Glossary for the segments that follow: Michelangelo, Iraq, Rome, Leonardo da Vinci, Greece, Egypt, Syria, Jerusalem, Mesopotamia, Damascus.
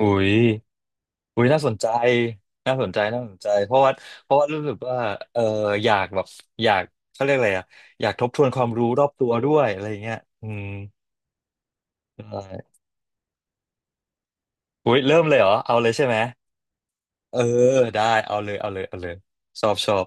อุ้ยอุ้ยน่าสนใจน่าสนใจน่าสนใจเพราะว่าเพราะว่ารู้สึกว่าเอออยากแบบอยากเขาเรียกอะไรอะอยากทบทวนความรู้รอบตัวด้วยอะไรอย่างเงี้ยอืมได้อุ้ยเริ่มเลยเหรอเอาเลยใช่ไหมเออได้เอาเลยเอาเลยเอาเลยชอบชอบ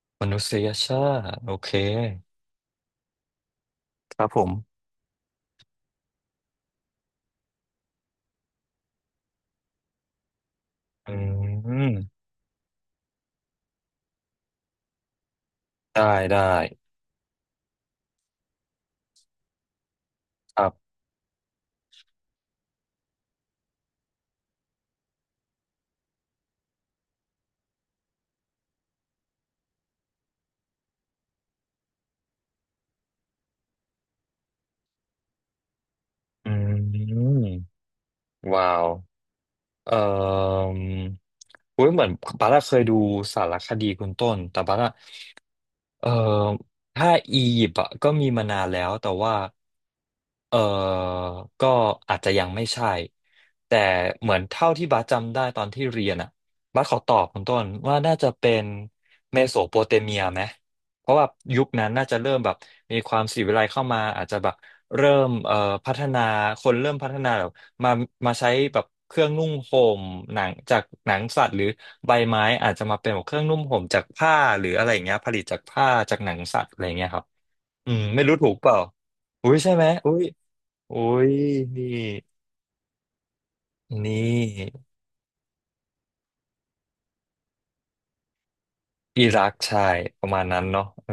มนุษยชาติโอเคครับผมอืมได้ได้ครับอืมว้าวเอ่ออุ้ยเหมือนบาร่าเคยดูสารคดีคุณต้นแต่บาร่า เอ่อถ้าอียิปต์อะก็มีมานานแล้วแต่ว่าเออก็อาจจะยังไม่ใช่แต่เหมือนเท่าที่บัสจำได้ตอนที่เรียนอ่ะบัสขอตอบคุณต้นว่าน่าจะเป็นเมโสโปเตเมียไหมเพราะว่ายุคนั้นน่าจะเริ่มแบบมีความศิลวิไลเข้ามาอาจจะแบบเริ่มพัฒนาคนเริ่มพัฒนาแบบมามาใช้แบบเครื่องนุ่งห่มหนังจากหนังสัตว์หรือ ใบไม้อาจจะมาเป็นแบบเครื่องนุ่มห่มจากผ้าหรืออะไรอย่างเงี้ยผลิตจากผ้าจากหนังสัตว์อะไรอย่างเงี้ยครับอืมไม่รู้ถูกเปล่าอุ้ยใช่ไหมอุ้ยอุ้ยนี่นี่อิรักใช่ประมาณนั้นเนาะเออ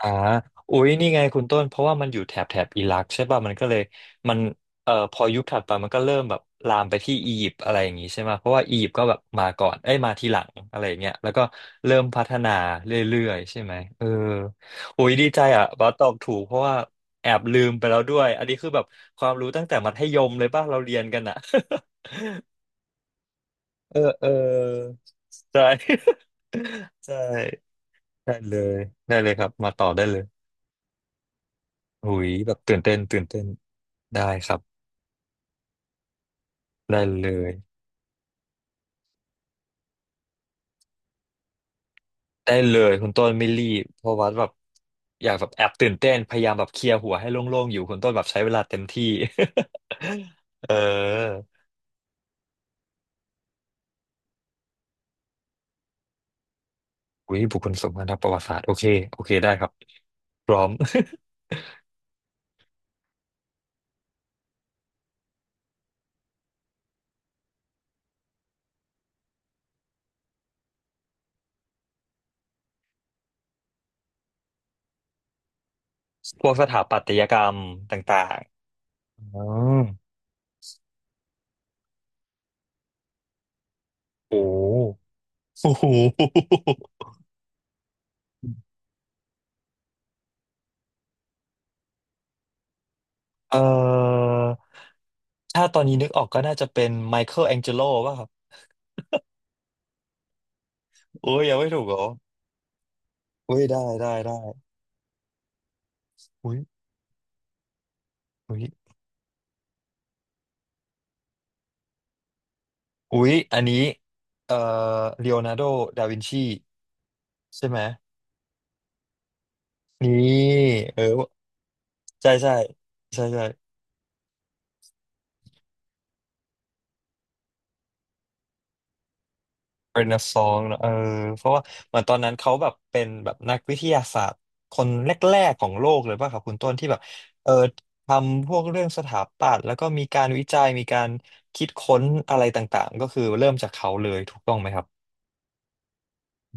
อ่าอุ๊ยนี่ไงคุณต้น เพราะว่ามันอยู่แถบแถบอิรักใช่ป่ะมันก็เลยมันพอยุคถัดไปมันก็เริ่มแบบลามไปที่อียิปต์อะไรอย่างงี้ใช่ไหมเพราะว่าอียิปต์ก็แบบมาก่อนเอ้ยมาทีหลังอะไรอย่างเงี้ยแล้วก็เริ่มพัฒนาเรื่อยๆใช่ไหมเอออุ๊ยดีใจอ่ะว่าตอบถูกเพราะว่าแอบลืมไปแล้วด้วย อันนี้คือแบบความรู้ตั้งแต่มัธยมเลยป่ะเราเรียนกันอ่ะ เออเออใช่ ใช่ ได้เลยได้เลยครับมาต่อได้เลย หุยแบบตื่นเต้นตื่นเต้นได้ครับได้เลยได้เลยคุณต้นไม่รีบเพราะว่าแบบอยากแบบแอบตื่นเต้นพยายามแบบเคลียร์หัวให้โล่งๆอยู่คุณต้นแบบใช้เวลาเต็มที่ เออหุยบุคคลสำคัญทางประวัติศาสตร์โอเคโอเคได้ครับพร้อม พวกสถาปัตยกรรมต่างๆอ๋อโอ้โหเอ่อถ้าตอนนี้นึกออกก็น่าจะเป็นไมเคิลแองเจโลป่ะครับโอ้ยยังไม่ถูกเหรอ อุ้ยได้ได้ได้ อุ้ยอุ้ยอุ้ยอันนี้ เอ่อเลโอนาร์โดดาวินชีใช่ไหมนี่เออใช่ใช่ใช่ใช่เป็นนักสองเนอะเออเพราะว่าเหมือนตอนนั้นเขาแบบเป็นแบบนักวิทยาศาสตร์คนแรกๆของโลกเลยป่ะครับคุณต้นที่แบบเออทำพวกเรื่องสถาปัตย์แล้วก็มีการวิจัยมีการคิดค้นอะไรต่างๆก็คือเริ่มจากเขาเลยถูกต้องไหมครับ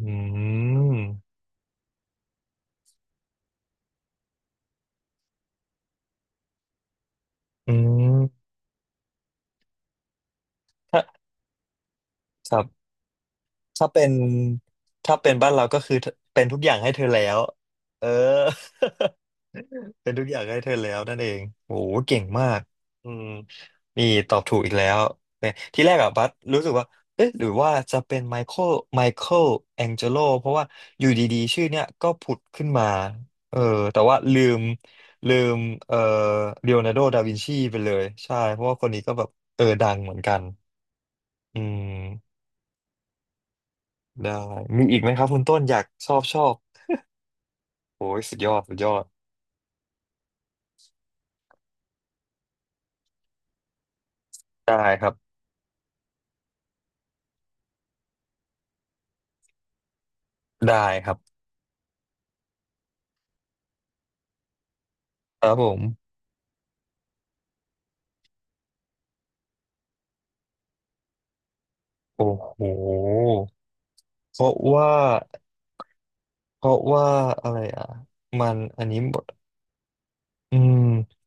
อืมอืมถ้าครับ ถ้าเป็นถ้าเป็นบ้านเราก็คือเป็นทุกอย่างให้เธอแล้วเออ เป็นทุกอย่างให้เธอแล้วนั่นเองโอ้โหเก่งมากอืมนี่ตอบถูกอีกแล้วเนี่ยที่แรกอะบัสรู้สึกว่าเอ๊ะหรือว่าจะเป็นไมเคิลแองเจโลเพราะว่าอยู่ดีๆชื่อเนี้ยก็ผุดขึ้นมาเออแต่ว่าลืมเอ่อเลโอนาร์โดดาวินชีไปเลยใช่เพราะว่าคนนี้ก็แบบเออดังเหมือนกันอืมได้มีอีกไหมครับคุณต้นอยากชอบชอบ โอ้ยสุดยอดสุดยอดได้ครับได้ครับครับผมโอ้โหเพราะว่าเพราะว่าอะไรอ่ะมันอันนี้หมดอืม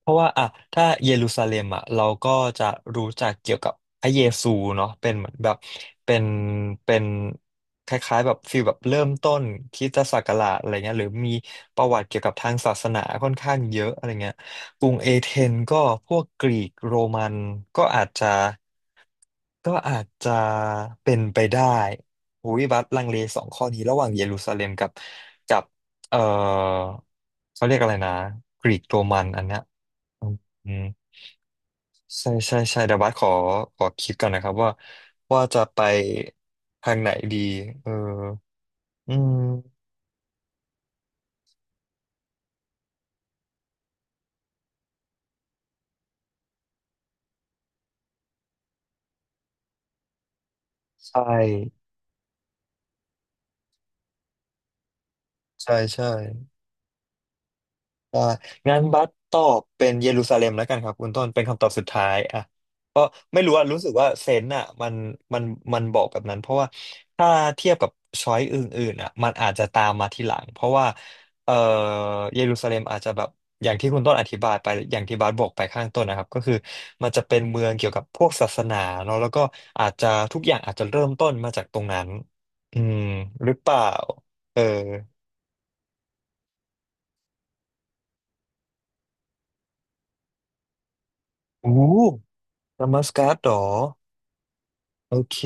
เพราะว่าอ่ะถ้าเยรูซาเล็มอ่ะเราก็จะรู้จักเกี่ยวกับพระเยซูเนาะเป็นเหมือนแบบเป็นเป็นคล้ายๆแบบฟีลแบบเริ่มต้นคริสตศักราชอะไรเงี้ยหรือมีประวัติเกี่ยวกับทางศาสนาค่อนข้างเยอะอะไรเงี้ยกรุงเอเธนก็พวกกรีกโรมันก็อาจจะ ก็อาจจะเป็นไปได้หิยบัตลังเลสองข้อนี้ระหว่างเยรูซาเล็มกับกับเออเขาเรียกอะไรนะกรีกโรมันอันเนี้ยอืมอืมใช่ใช่ใช่เดี๋ยวบัสขอคิดก่อนนะครับว่าจะไปทางไหนดีเอออืมใช่ใช่ใช่ อ่างั้นบัสตอบเป็นเยรูซาเล็มแล้วกันครับคุณต้นเป็นคำตอบสุดท้ายอ่ะก็ไม่รู้อ่ะรู้สึกว่าเซนส์อ่ะมันมันบอกแบบนั้นเพราะว่าถ้าเทียบกับช้อยอื่นๆอ่ะมันอาจจะตามมาทีหลังเพราะว่าเอ่อเยรูซาเล็มอาจจะแบบอย่างที่คุณต้นอธิบายไปอย่างที่บาสบอกไปข้างต้นนะครับก็คือมันจะเป็นเมืองเกี่ยวกับพวกศาสนาเนาะแล้วก็อาจจะทุกอย่างอาจจะเริ่มต้นมาจากตรงนั้นอืมหรือเปล่าเออโอู้ดัมัสกัสเหรอ โอเค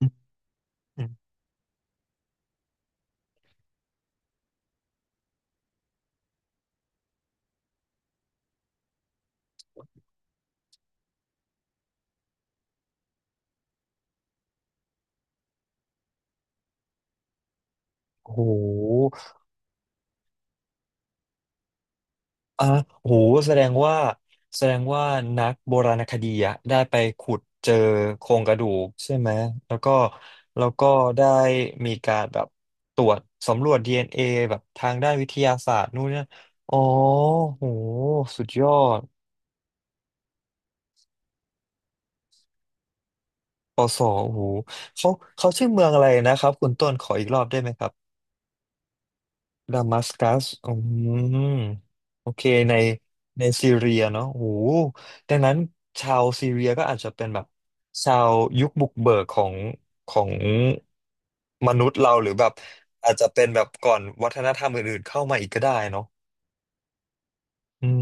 อืมอืมโอ้โหอ่ะโอ้โหแสดงว่า แสดงว่านักโบราณคดีอะได้ไปขุดเจอโครงกระดูกใช่ไหม แล้วก็ แล้วก็ได้มีการแบบตรวจสำรวจ DNA แบบทางด้านวิทยาศาสตร์นู่นเนี่ย อ๋อโหสุดยอดปอสอโอ้โหเขาเขาชื่อเมืองอะไรนะครับ คุณต้นขออีกรอบได้ไหมครับ ดามัสกัสอืมโอเคในในซีเรียเนาะโอ้โหดังนั้นชาวซีเรียก็อาจจะเป็นแบบชาวยุคบุกเบิกของมนุษย์เราหรือแบบอาจจะเป็นแบบก่อนวัฒนธรรมอื่นๆเข้ามาอีกก็ได้เนาะอืม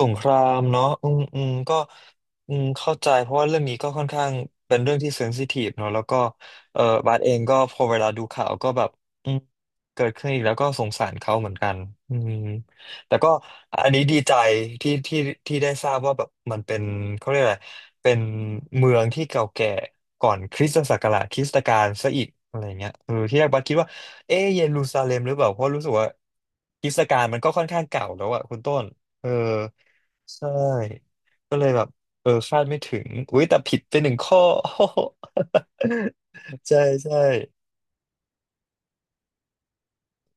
สงครามเนาะอืมอืมก็อืมเข้าใจเพราะว่าเรื่องนี้ก็ค่อนข้างเป็นเรื่องที่เซนซิทีฟเนาะแล้วก็เออบาสเองก็พอเวลาดูข่าวก็แบบอืมเกิดขึ้นอีกแล้วก็สงสารเขาเหมือนกันอืมแต่ก็อันนี้ดีใจที่ที่ที่ได้ทราบว่าแบบมันเป็นเขาเรียกอะไรเป็นเมืองที่เก่าแก่ก่อนคริสตศักราชคริสตกาลซะอีกอะไรเงี้ยเออที่แรกบัสคิดว่าเอ๊ะเยรูซาเล็มหรือเปล่าเพราะรู้สึกว่าคริสตกาลมันก็ค่อนข้างเก่าแล้วอะคุณต้นเออ ใช่ก็เลยแบบเออคาดไม่ถึงอุ้ยแต่ผิดไปหนึ่งข้อ ใช่ใช่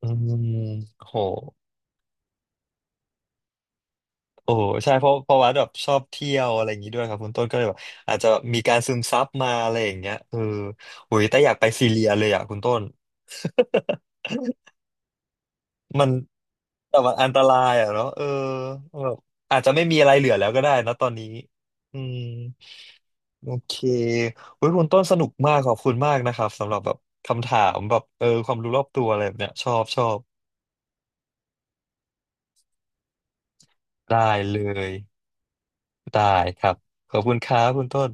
อืมโหโอ้ใช่เพราะวัดแบบชอบเที่ยวอะไรอย่างนี้ด้วยครับคุณต้นก็เลยแบบอาจจะมีการซึมซับมาอะไรอย่างเงี้ยเอออุ้ยแต่อยากไปซีเรียเลยอ่ะคุณต้น มันแต่มันอันตรายอ่ะเนาะเออแบบอาจจะไม่มีอะไรเหลือแล้วก็ได้นะตอนนี้อืม โอเคเว้ยคุณต้นสนุกมากขอบคุณมากนะครับสำหรับแบบคำถามแบบเออความรู้รอบตัวอะไรแบบเนี้ยชอบชอบได้เลยได้ครับขอบคุณครับคุณต้น